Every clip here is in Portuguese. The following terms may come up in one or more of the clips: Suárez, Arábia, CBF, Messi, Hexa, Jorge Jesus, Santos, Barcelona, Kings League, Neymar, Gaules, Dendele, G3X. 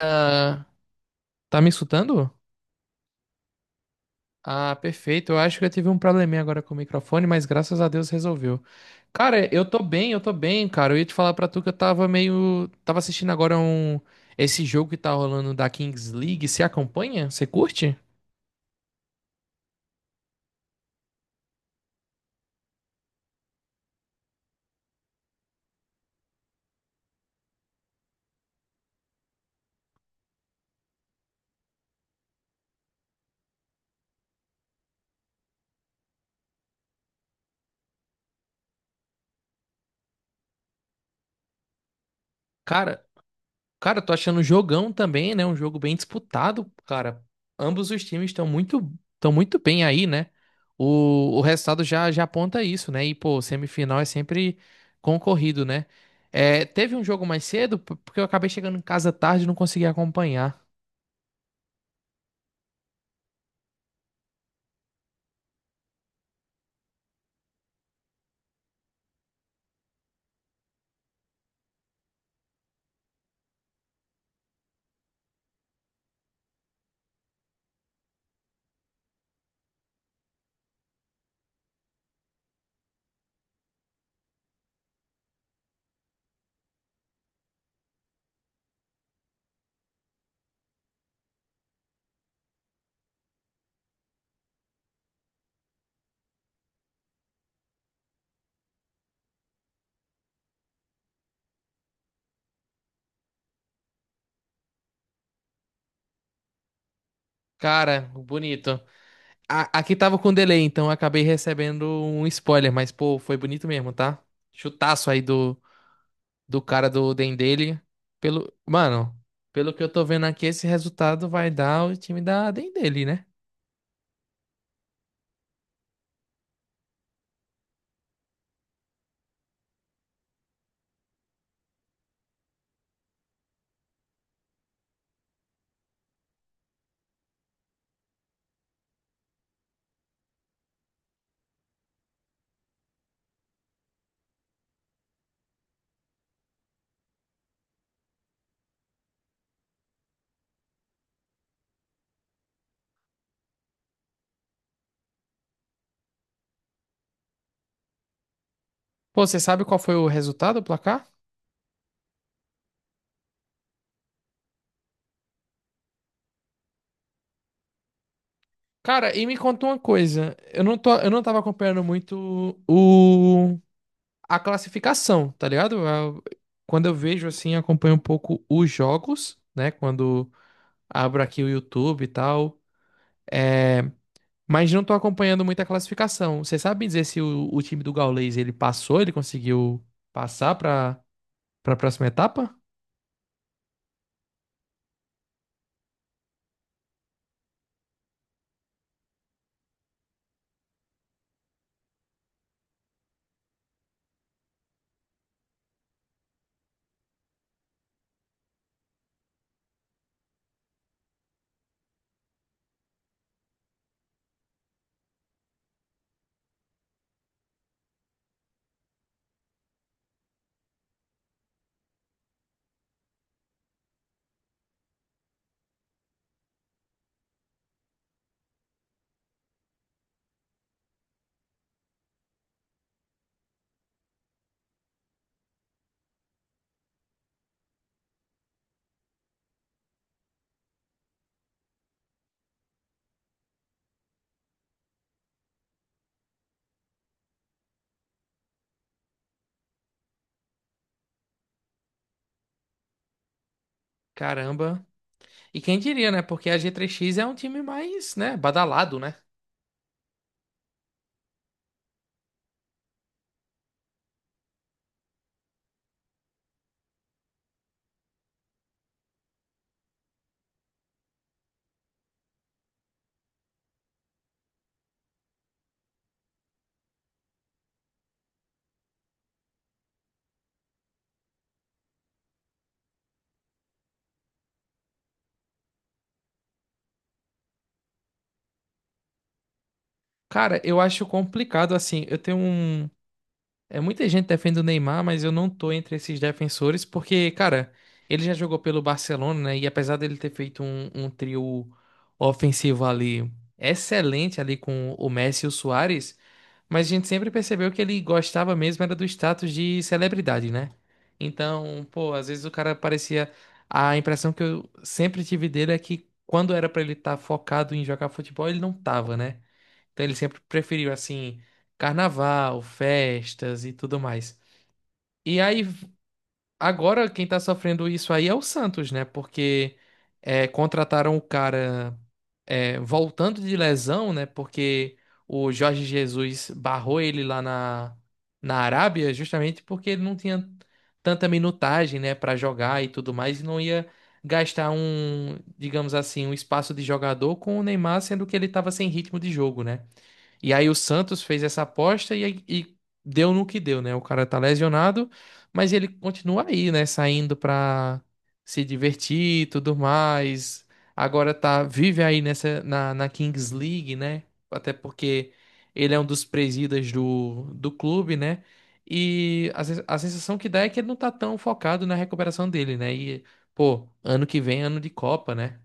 Ah, tá me escutando? Ah, perfeito. Eu acho que eu tive um probleminha agora com o microfone, mas graças a Deus resolveu. Cara, eu tô bem, cara. Eu ia te falar pra tu que eu tava meio. Tava assistindo agora um. Esse jogo que tá rolando da Kings League. Você acompanha? Você curte? Cara, Cara, eu tô achando um jogão também, né? Um jogo bem disputado, cara. Ambos os times estão muito bem aí, né? O resultado já aponta isso, né? E, pô, semifinal é sempre concorrido, né? É, teve um jogo mais cedo, porque eu acabei chegando em casa tarde e não consegui acompanhar. Cara, bonito. Aqui tava com delay, então eu acabei recebendo um spoiler, mas, pô, foi bonito mesmo, tá? Chutaço aí do cara do Dendele. Pelo, mano, pelo que eu tô vendo aqui, esse resultado vai dar o time da Dendele, né? Pô, você sabe qual foi o resultado, o placar? Cara, e me conta uma coisa. Eu não tava acompanhando muito o a classificação, tá ligado? A- Quando eu vejo assim, acompanho um pouco os jogos, né? Quando abro aqui o YouTube e tal. É, mas não tô acompanhando muito a classificação. Você sabe me dizer se o time do Gaules ele passou, ele conseguiu passar pra. Pra próxima etapa? Caramba. E quem diria, né? Porque a G3X é um time mais, né, badalado, né? Cara, eu acho complicado assim. Eu tenho um É, muita gente defende o Neymar, mas eu não tô entre esses defensores, porque, cara, ele já jogou pelo Barcelona, né? E apesar dele ter feito um trio ofensivo ali excelente ali com o Messi e o Suárez, mas a gente sempre percebeu que ele gostava mesmo era do status de celebridade, né? Então, pô, às vezes o cara parecia. A impressão que eu sempre tive dele é que quando era pra ele estar focado em jogar futebol, ele não tava, né? Então ele sempre preferiu assim carnaval, festas e tudo mais. E aí agora quem tá sofrendo isso aí é o Santos, né? Porque é, contrataram o cara é, voltando de lesão, né? Porque o Jorge Jesus barrou ele lá na Arábia justamente porque ele não tinha tanta minutagem, né, para jogar e tudo mais e não ia gastar um, digamos assim, um espaço de jogador com o Neymar, sendo que ele estava sem ritmo de jogo, né? E aí o Santos fez essa aposta e deu no que deu, né? O cara tá lesionado, mas ele continua aí, né? Saindo pra se divertir e tudo mais. Agora tá, vive aí na Kings League, né? Até porque ele é um dos presidas do clube, né? E a, a sensação que dá é que ele não tá tão focado na recuperação dele, né? E, pô, ano que vem, é ano de Copa, né?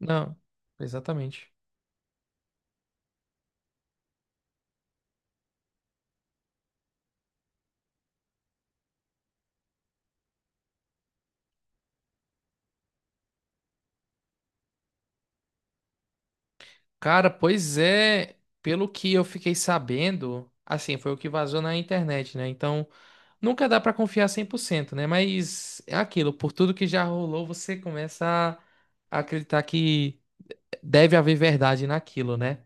Não, exatamente. Cara, pois é, pelo que eu fiquei sabendo, assim, foi o que vazou na internet, né? Então, nunca dá pra confiar 100%, né? Mas é aquilo, por tudo que já rolou, você começa a acreditar que deve haver verdade naquilo, né?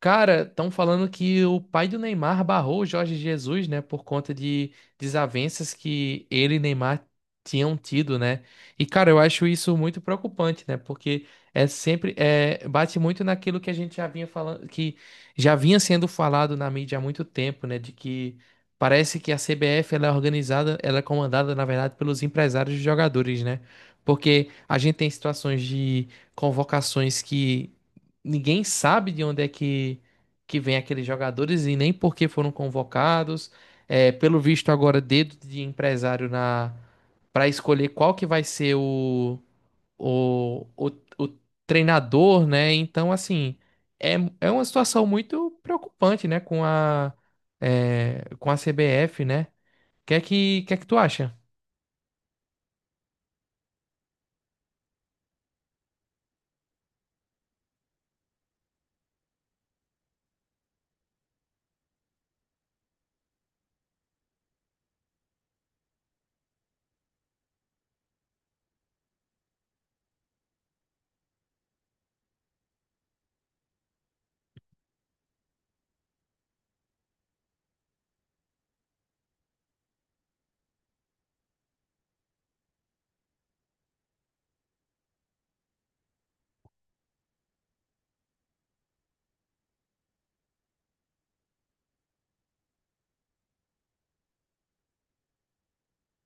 Cara, estão falando que o pai do Neymar barrou o Jorge Jesus, né, por conta de desavenças que ele e Neymar tinham tido, né? E cara, eu acho isso muito preocupante, né? Porque é sempre é, bate muito naquilo que a gente já vinha falando, que já vinha sendo falado na mídia há muito tempo, né? De que parece que a CBF ela é organizada, ela é comandada, na verdade, pelos empresários dos jogadores, né? Porque a gente tem situações de convocações que ninguém sabe de onde é que vem aqueles jogadores e nem por que foram convocados. É, pelo visto agora, dedo de empresário na para escolher qual que vai ser o, o, o treinador, né? Então, assim, é, é uma situação muito preocupante, né? Com a, é, com a CBF, né? O que é que tu acha?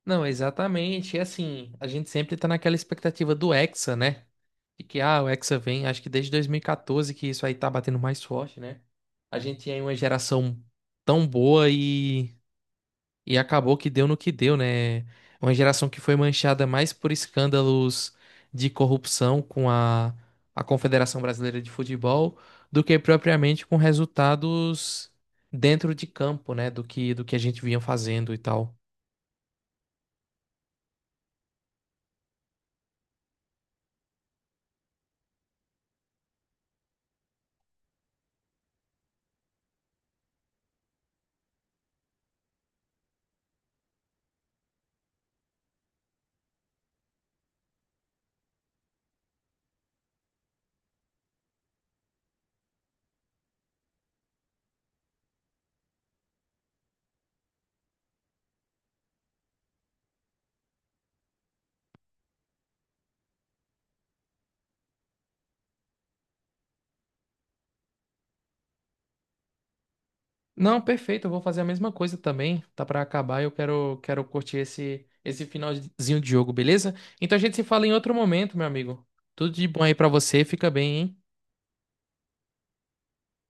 Não, exatamente. E assim, a gente sempre tá naquela expectativa do Hexa, né? E que, ah, o Hexa vem, acho que desde 2014 que isso aí tá batendo mais forte, né? A gente tinha aí uma geração tão boa e acabou que deu no que deu, né? É Uma geração que foi manchada mais por escândalos de corrupção com a Confederação Brasileira de Futebol do que propriamente com resultados dentro de campo, né? Do que a gente vinha fazendo e tal. Não, perfeito, eu vou fazer a mesma coisa também. Tá pra acabar, eu quero curtir esse finalzinho de jogo, beleza? Então a gente se fala em outro momento, meu amigo. Tudo de bom aí pra você, fica bem, hein?